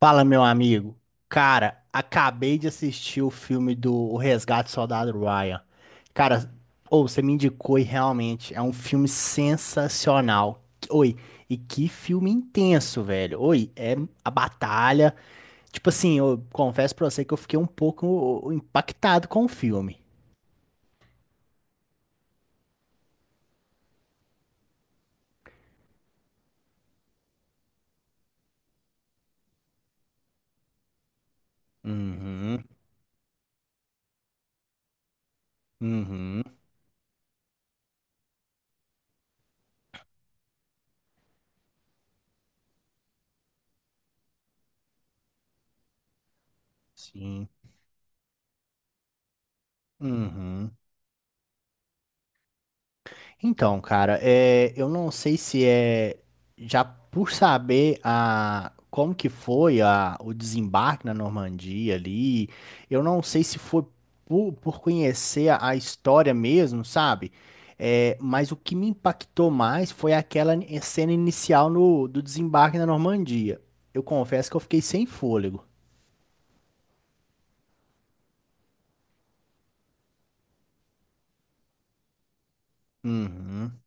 Fala, meu amigo. Cara, acabei de assistir o filme do O Resgate do Soldado Ryan. Cara, ou você me indicou e realmente é um filme sensacional. Oi, e que filme intenso, velho. Oi, é a batalha. Tipo assim, eu confesso pra você que eu fiquei um pouco impactado com o filme. Uhum, uhum, sim. Uhum. Então, cara, é, eu não sei se é já por saber a, como que foi a, o desembarque na Normandia ali, eu não sei se foi por conhecer a história mesmo, sabe? É, mas o que me impactou mais foi aquela cena inicial no, do desembarque na Normandia. Eu confesso que eu fiquei sem fôlego. Uhum,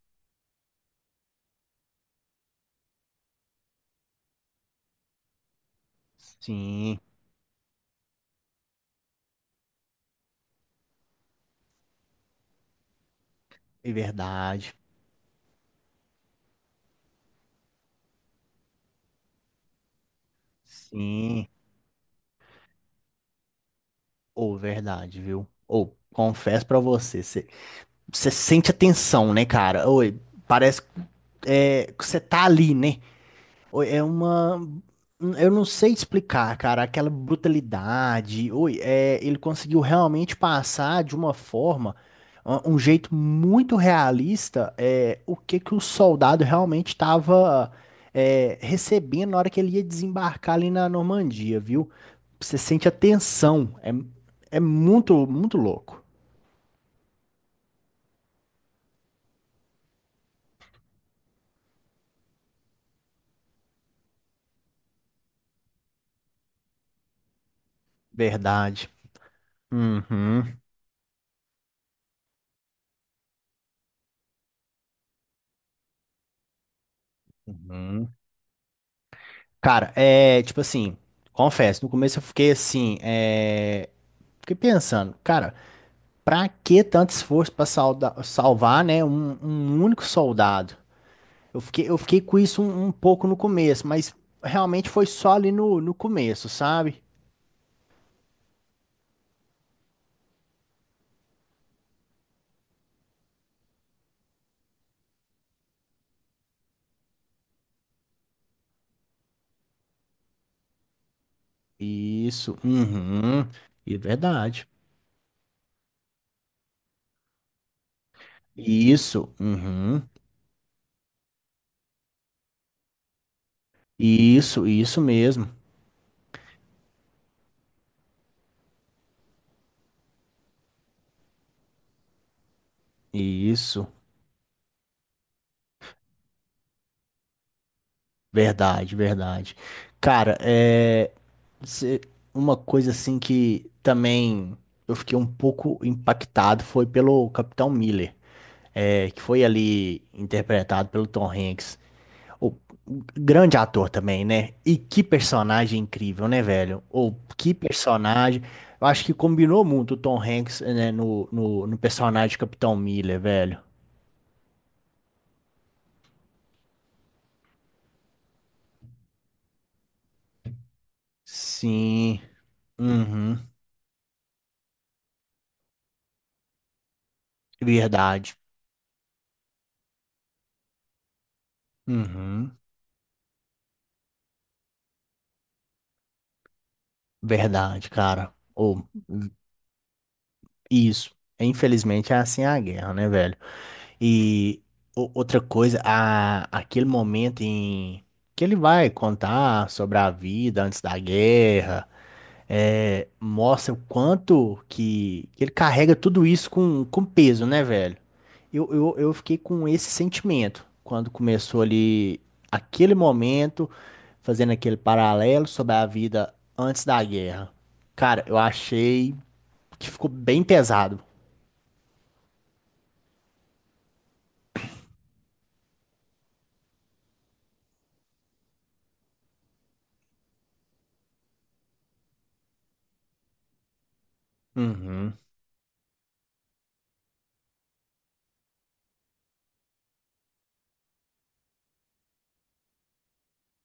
sim, é verdade. Sim. Ou, verdade, viu? Ou, confesso pra você, você sente a tensão, né, cara? Oi, parece é, que você tá ali, né? Oi, é uma. Eu não sei explicar, cara, aquela brutalidade. Oi, é, ele conseguiu realmente passar de uma forma, um jeito muito realista, é, o que que o soldado realmente estava recebendo na hora que ele ia desembarcar ali na Normandia, viu? Você sente a tensão. É, é muito, muito louco. Verdade. Uhum. Uhum. Cara, é tipo assim, confesso, no começo eu fiquei assim, é. Fiquei pensando, cara, pra que tanto esforço pra salvar, né, um único soldado? Eu fiquei com isso um, um pouco no começo, mas realmente foi só ali no, no começo, sabe? Isso, uhum, é verdade. Isso, uhum, isso mesmo. Isso, verdade, verdade. Cara, é. cê- Uma coisa assim que também eu fiquei um pouco impactado foi pelo Capitão Miller. É, que foi ali interpretado pelo Tom Hanks. O grande ator também, né? E que personagem incrível, né, velho? Ou que personagem. Eu acho que combinou muito o Tom Hanks, né, no personagem de Capitão Miller, velho. Sim. Uhum. Verdade. Uhum. Verdade, cara. Ou isso. Infelizmente é assim a guerra, né, velho? E outra coisa, a, aquele momento em que ele vai contar sobre a vida antes da guerra, é, mostra o quanto que ele carrega tudo isso com peso, né, velho? Eu fiquei com esse sentimento quando começou ali aquele momento, fazendo aquele paralelo sobre a vida antes da guerra. Cara, eu achei que ficou bem pesado. Uhum,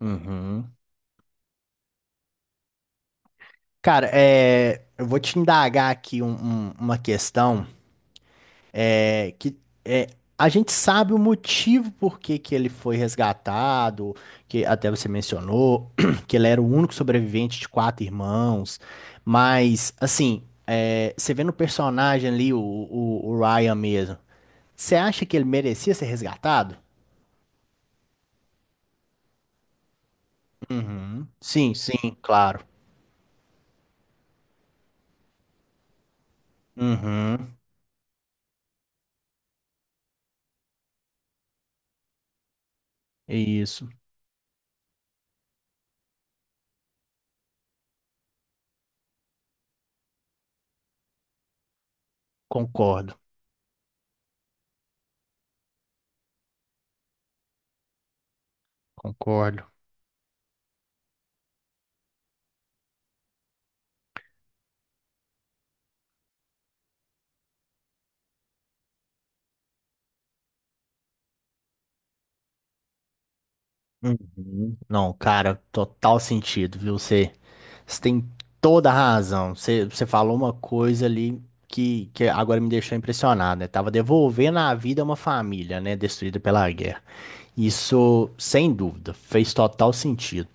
uhum. Cara, é, eu vou te indagar aqui uma questão é, que é, a gente sabe o motivo por que que ele foi resgatado, que até você mencionou que ele era o único sobrevivente de quatro irmãos, mas assim, é, você vê no personagem ali, o Ryan mesmo, você acha que ele merecia ser resgatado? Uhum. Sim, sim, claro. Uhum. Isso, concordo, concordo. Uhum. Não, cara, total sentido, viu? Você, você tem toda a razão. Você, você falou uma coisa ali que agora me deixou impressionado, né? Tava devolvendo a vida a uma família, né? Destruída pela guerra. Isso, sem dúvida, fez total sentido.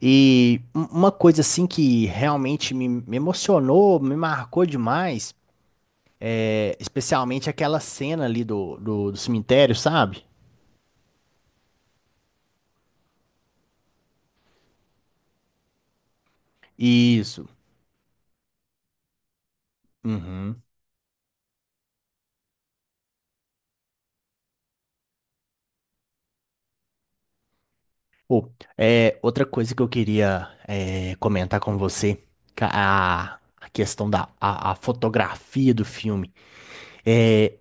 E uma coisa assim que realmente me, me emocionou, me marcou demais, é, especialmente aquela cena ali do cemitério, sabe? Isso. Uhum. Pô, é, outra coisa que eu queria é, comentar com você, a questão da a fotografia do filme. É,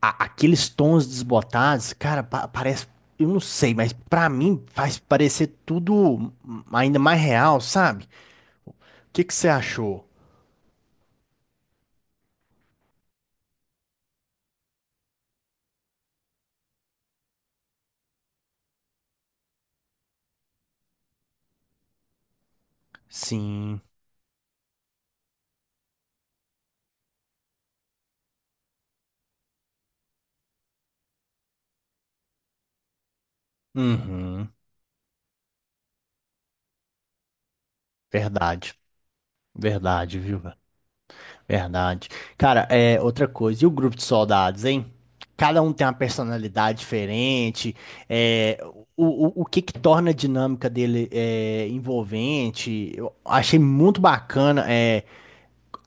aqueles tons desbotados, cara, parece, eu não sei, mas pra mim faz parecer tudo ainda mais real, sabe? O que que você achou? Sim, uhum, verdade, verdade, viu? Verdade. Cara, é outra coisa. E o grupo de soldados, hein? Cada um tem uma personalidade diferente. É, o que que torna a dinâmica dele é, envolvente? Eu achei muito bacana é,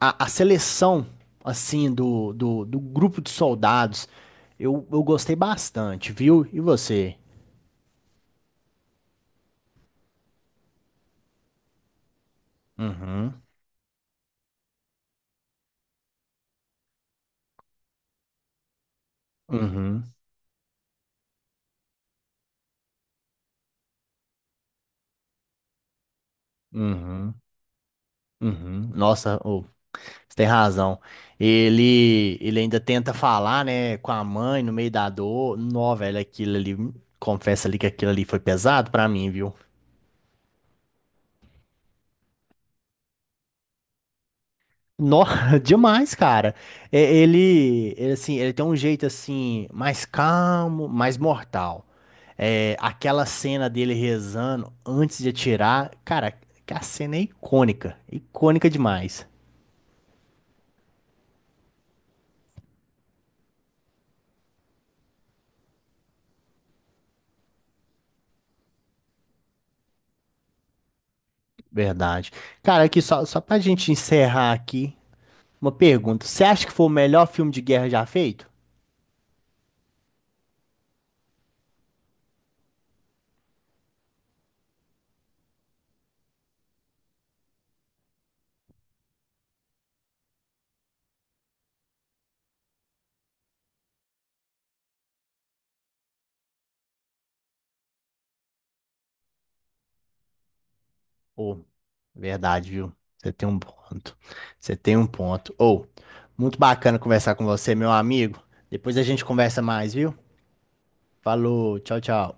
a seleção assim do grupo de soldados. Eu gostei bastante, viu? E você? Uhum, uhum, uhum, uhum. Nossa, você tem razão. Ele ainda tenta falar, né, com a mãe no meio da dor. Nó, velho, aquilo ali, confesso ali que aquilo ali foi pesado pra mim, viu? Nó, demais, cara. É, ele, assim, ele tem um jeito, assim, mais calmo, mais mortal. É, aquela cena dele rezando antes de atirar, cara, que a cena é icônica, icônica demais. Verdade. Cara, aqui só, só pra gente encerrar aqui. Uma pergunta. Você acha que foi o melhor filme de guerra já feito? Ou, verdade, viu? Você tem um ponto. Você tem um ponto. Ou, muito bacana conversar com você, meu amigo. Depois a gente conversa mais, viu? Falou, tchau, tchau.